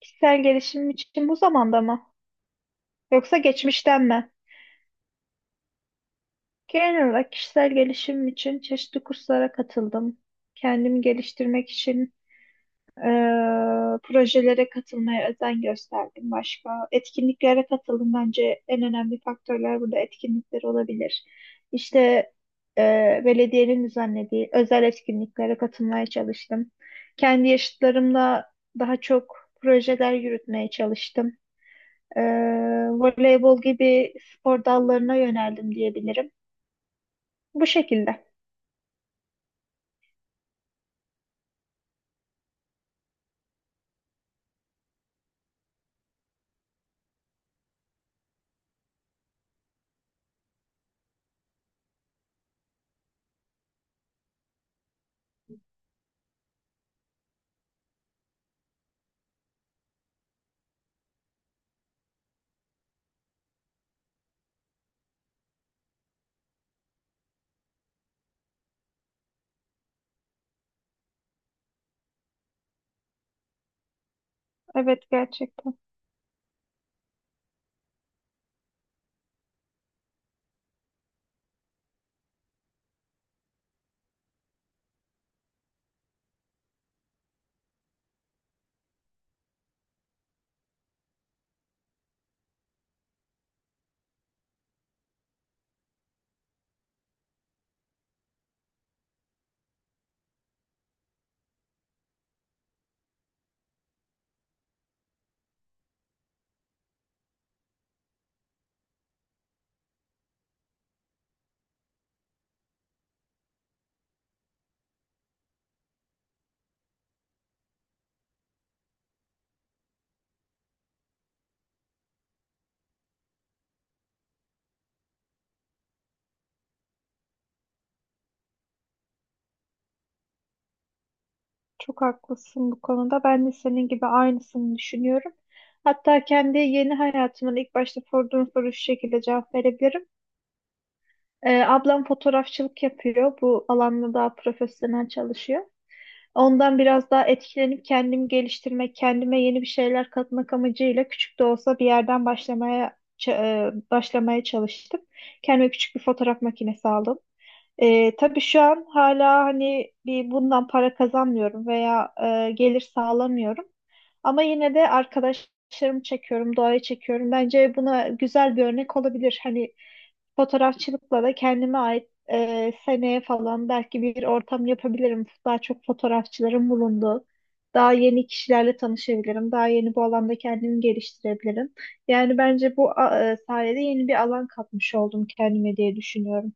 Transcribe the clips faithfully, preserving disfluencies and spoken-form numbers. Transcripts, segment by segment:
Kişisel gelişim için bu zamanda mı? Yoksa geçmişten mi? Genel olarak kişisel gelişim için çeşitli kurslara katıldım. Kendimi geliştirmek için eee, projelere katılmaya özen gösterdim. Başka etkinliklere katıldım. Bence en önemli faktörler burada etkinlikler olabilir. İşte eee, belediyenin düzenlediği özel etkinliklere katılmaya çalıştım. Kendi yaşıtlarımla daha çok projeler yürütmeye çalıştım. Ee, Voleybol gibi spor dallarına yöneldim diyebilirim. Bu şekilde. Evet, gerçekten çok haklısın bu konuda. Ben de senin gibi aynısını düşünüyorum. Hatta kendi yeni hayatımın ilk başta sorduğun soru şu şekilde cevap verebilirim. Ee, ablam fotoğrafçılık yapıyor. Bu alanda daha profesyonel çalışıyor. Ondan biraz daha etkilenip kendimi geliştirmek, kendime yeni bir şeyler katmak amacıyla küçük de olsa bir yerden başlamaya ç- e, başlamaya çalıştım. Kendime küçük bir fotoğraf makinesi aldım. E, tabii şu an hala hani bir bundan para kazanmıyorum veya e, gelir sağlamıyorum. Ama yine de arkadaşlarımı çekiyorum, doğayı çekiyorum. Bence buna güzel bir örnek olabilir. Hani fotoğrafçılıkla da kendime ait, e, seneye falan belki bir ortam yapabilirim. Daha çok fotoğrafçıların bulunduğu, daha yeni kişilerle tanışabilirim. Daha yeni bu alanda kendimi geliştirebilirim. Yani bence bu a- e, sayede yeni bir alan katmış oldum kendime diye düşünüyorum.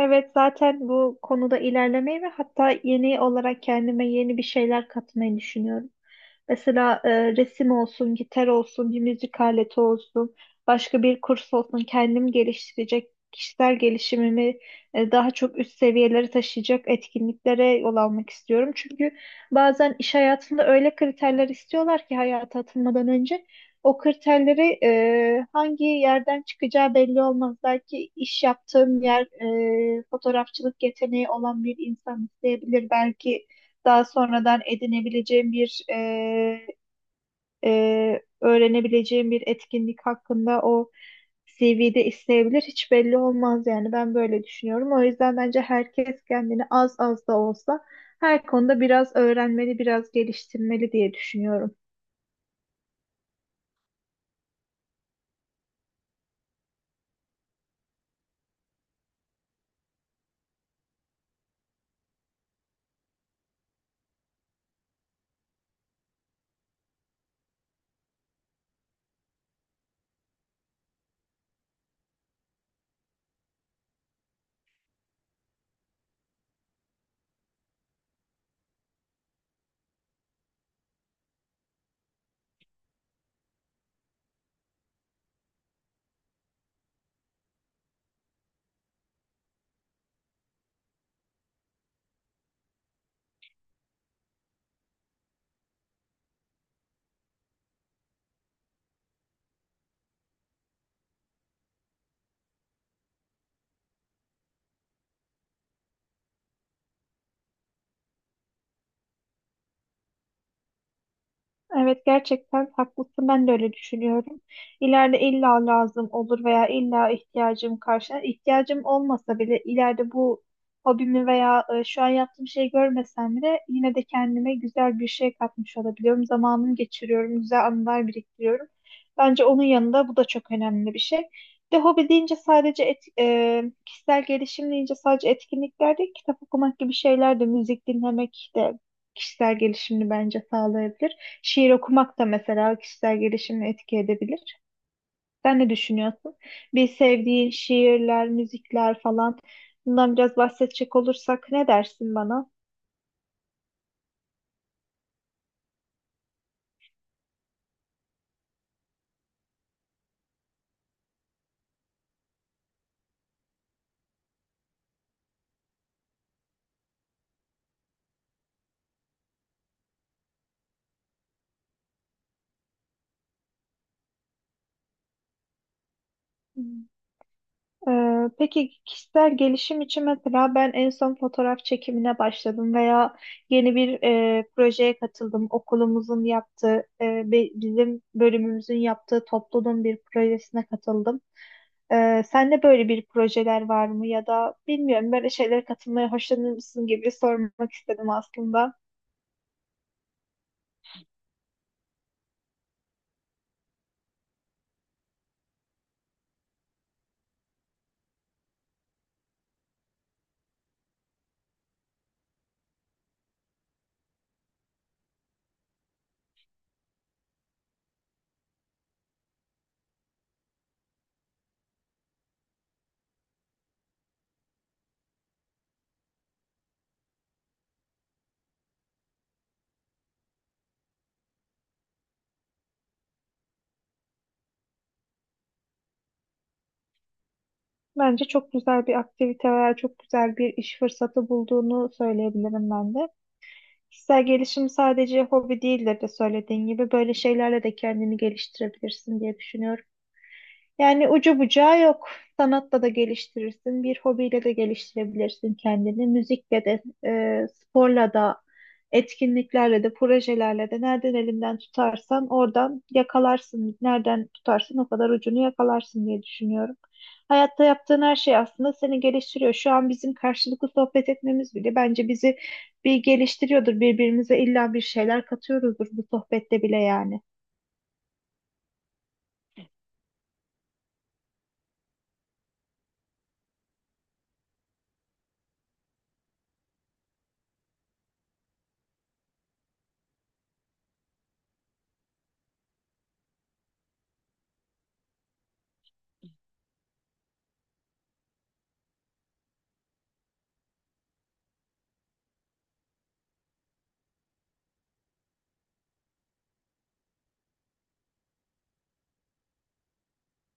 Evet, zaten bu konuda ilerlemeyi ve hatta yeni olarak kendime yeni bir şeyler katmayı düşünüyorum. Mesela e, resim olsun, gitar olsun, bir müzik aleti olsun, başka bir kurs olsun, kendim geliştirecek, kişisel gelişimimi e, daha çok üst seviyelere taşıyacak etkinliklere yol almak istiyorum. Çünkü bazen iş hayatında öyle kriterler istiyorlar ki hayata atılmadan önce o kriterleri, e, hangi yerden çıkacağı belli olmaz. Belki iş yaptığım yer, e, fotoğrafçılık yeteneği olan bir insan isteyebilir. Belki daha sonradan edinebileceğim bir e, e, öğrenebileceğim bir etkinlik hakkında o C V'de isteyebilir. Hiç belli olmaz yani, ben böyle düşünüyorum. O yüzden bence herkes kendini az az da olsa her konuda biraz öğrenmeli, biraz geliştirmeli diye düşünüyorum. Evet, gerçekten haklısın, ben de öyle düşünüyorum. İleride illa lazım olur veya illa ihtiyacım karşılar. İhtiyacım olmasa bile ileride bu hobimi veya e, şu an yaptığım şeyi görmesem bile yine de kendime güzel bir şey katmış olabiliyorum. Zamanımı geçiriyorum, güzel anılar biriktiriyorum. Bence onun yanında bu da çok önemli bir şey. Bir de hobi deyince sadece et, e, kişisel gelişim deyince sadece etkinlikler değil, kitap okumak gibi şeyler de, müzik dinlemek de kişisel gelişimini bence sağlayabilir. Şiir okumak da mesela kişisel gelişimi etki edebilir. Sen ne düşünüyorsun? Bir sevdiğin şiirler, müzikler falan, bundan biraz bahsedecek olursak ne dersin bana? Hmm. Ee, peki kişisel gelişim için mesela ben en son fotoğraf çekimine başladım veya yeni bir, e, projeye katıldım. Okulumuzun yaptığı, e, bi- bizim bölümümüzün yaptığı topluluğun bir projesine katıldım. Ee, sende böyle bir projeler var mı ya da bilmiyorum böyle şeylere katılmaya hoşlanır mısın gibi sormak istedim aslında. Bence çok güzel bir aktivite var, çok güzel bir iş fırsatı bulduğunu söyleyebilirim ben de. Kişisel gelişim sadece hobi değildir de söylediğin gibi böyle şeylerle de kendini geliştirebilirsin diye düşünüyorum. Yani ucu bucağı yok. Sanatla da geliştirirsin, bir hobiyle de geliştirebilirsin kendini. Müzikle de, e, sporla da, etkinliklerle de, projelerle de nereden elinden tutarsan oradan yakalarsın. Nereden tutarsın o kadar ucunu yakalarsın diye düşünüyorum. Hayatta yaptığın her şey aslında seni geliştiriyor. Şu an bizim karşılıklı sohbet etmemiz bile bence bizi bir geliştiriyordur. Birbirimize illa bir şeyler katıyoruzdur bu sohbette bile yani.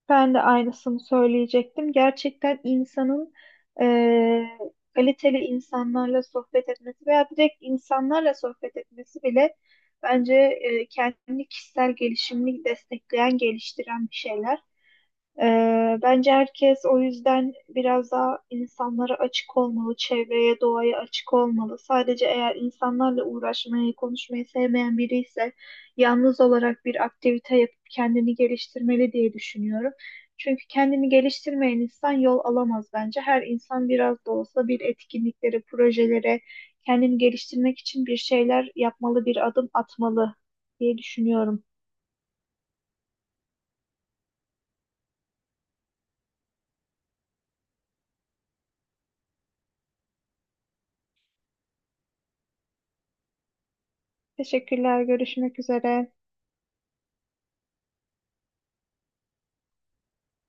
Ben de aynısını söyleyecektim. Gerçekten insanın eee, kaliteli insanlarla sohbet etmesi veya direkt insanlarla sohbet etmesi bile bence eee, kendini kişisel gelişimini destekleyen, geliştiren bir şeyler. Ee, bence herkes o yüzden biraz daha insanlara açık olmalı, çevreye, doğaya açık olmalı. Sadece eğer insanlarla uğraşmayı, konuşmayı sevmeyen biri ise yalnız olarak bir aktivite yapıp kendini geliştirmeli diye düşünüyorum. Çünkü kendini geliştirmeyen insan yol alamaz bence. Her insan biraz da olsa bir etkinliklere, projelere, kendini geliştirmek için bir şeyler yapmalı, bir adım atmalı diye düşünüyorum. Teşekkürler, görüşmek üzere.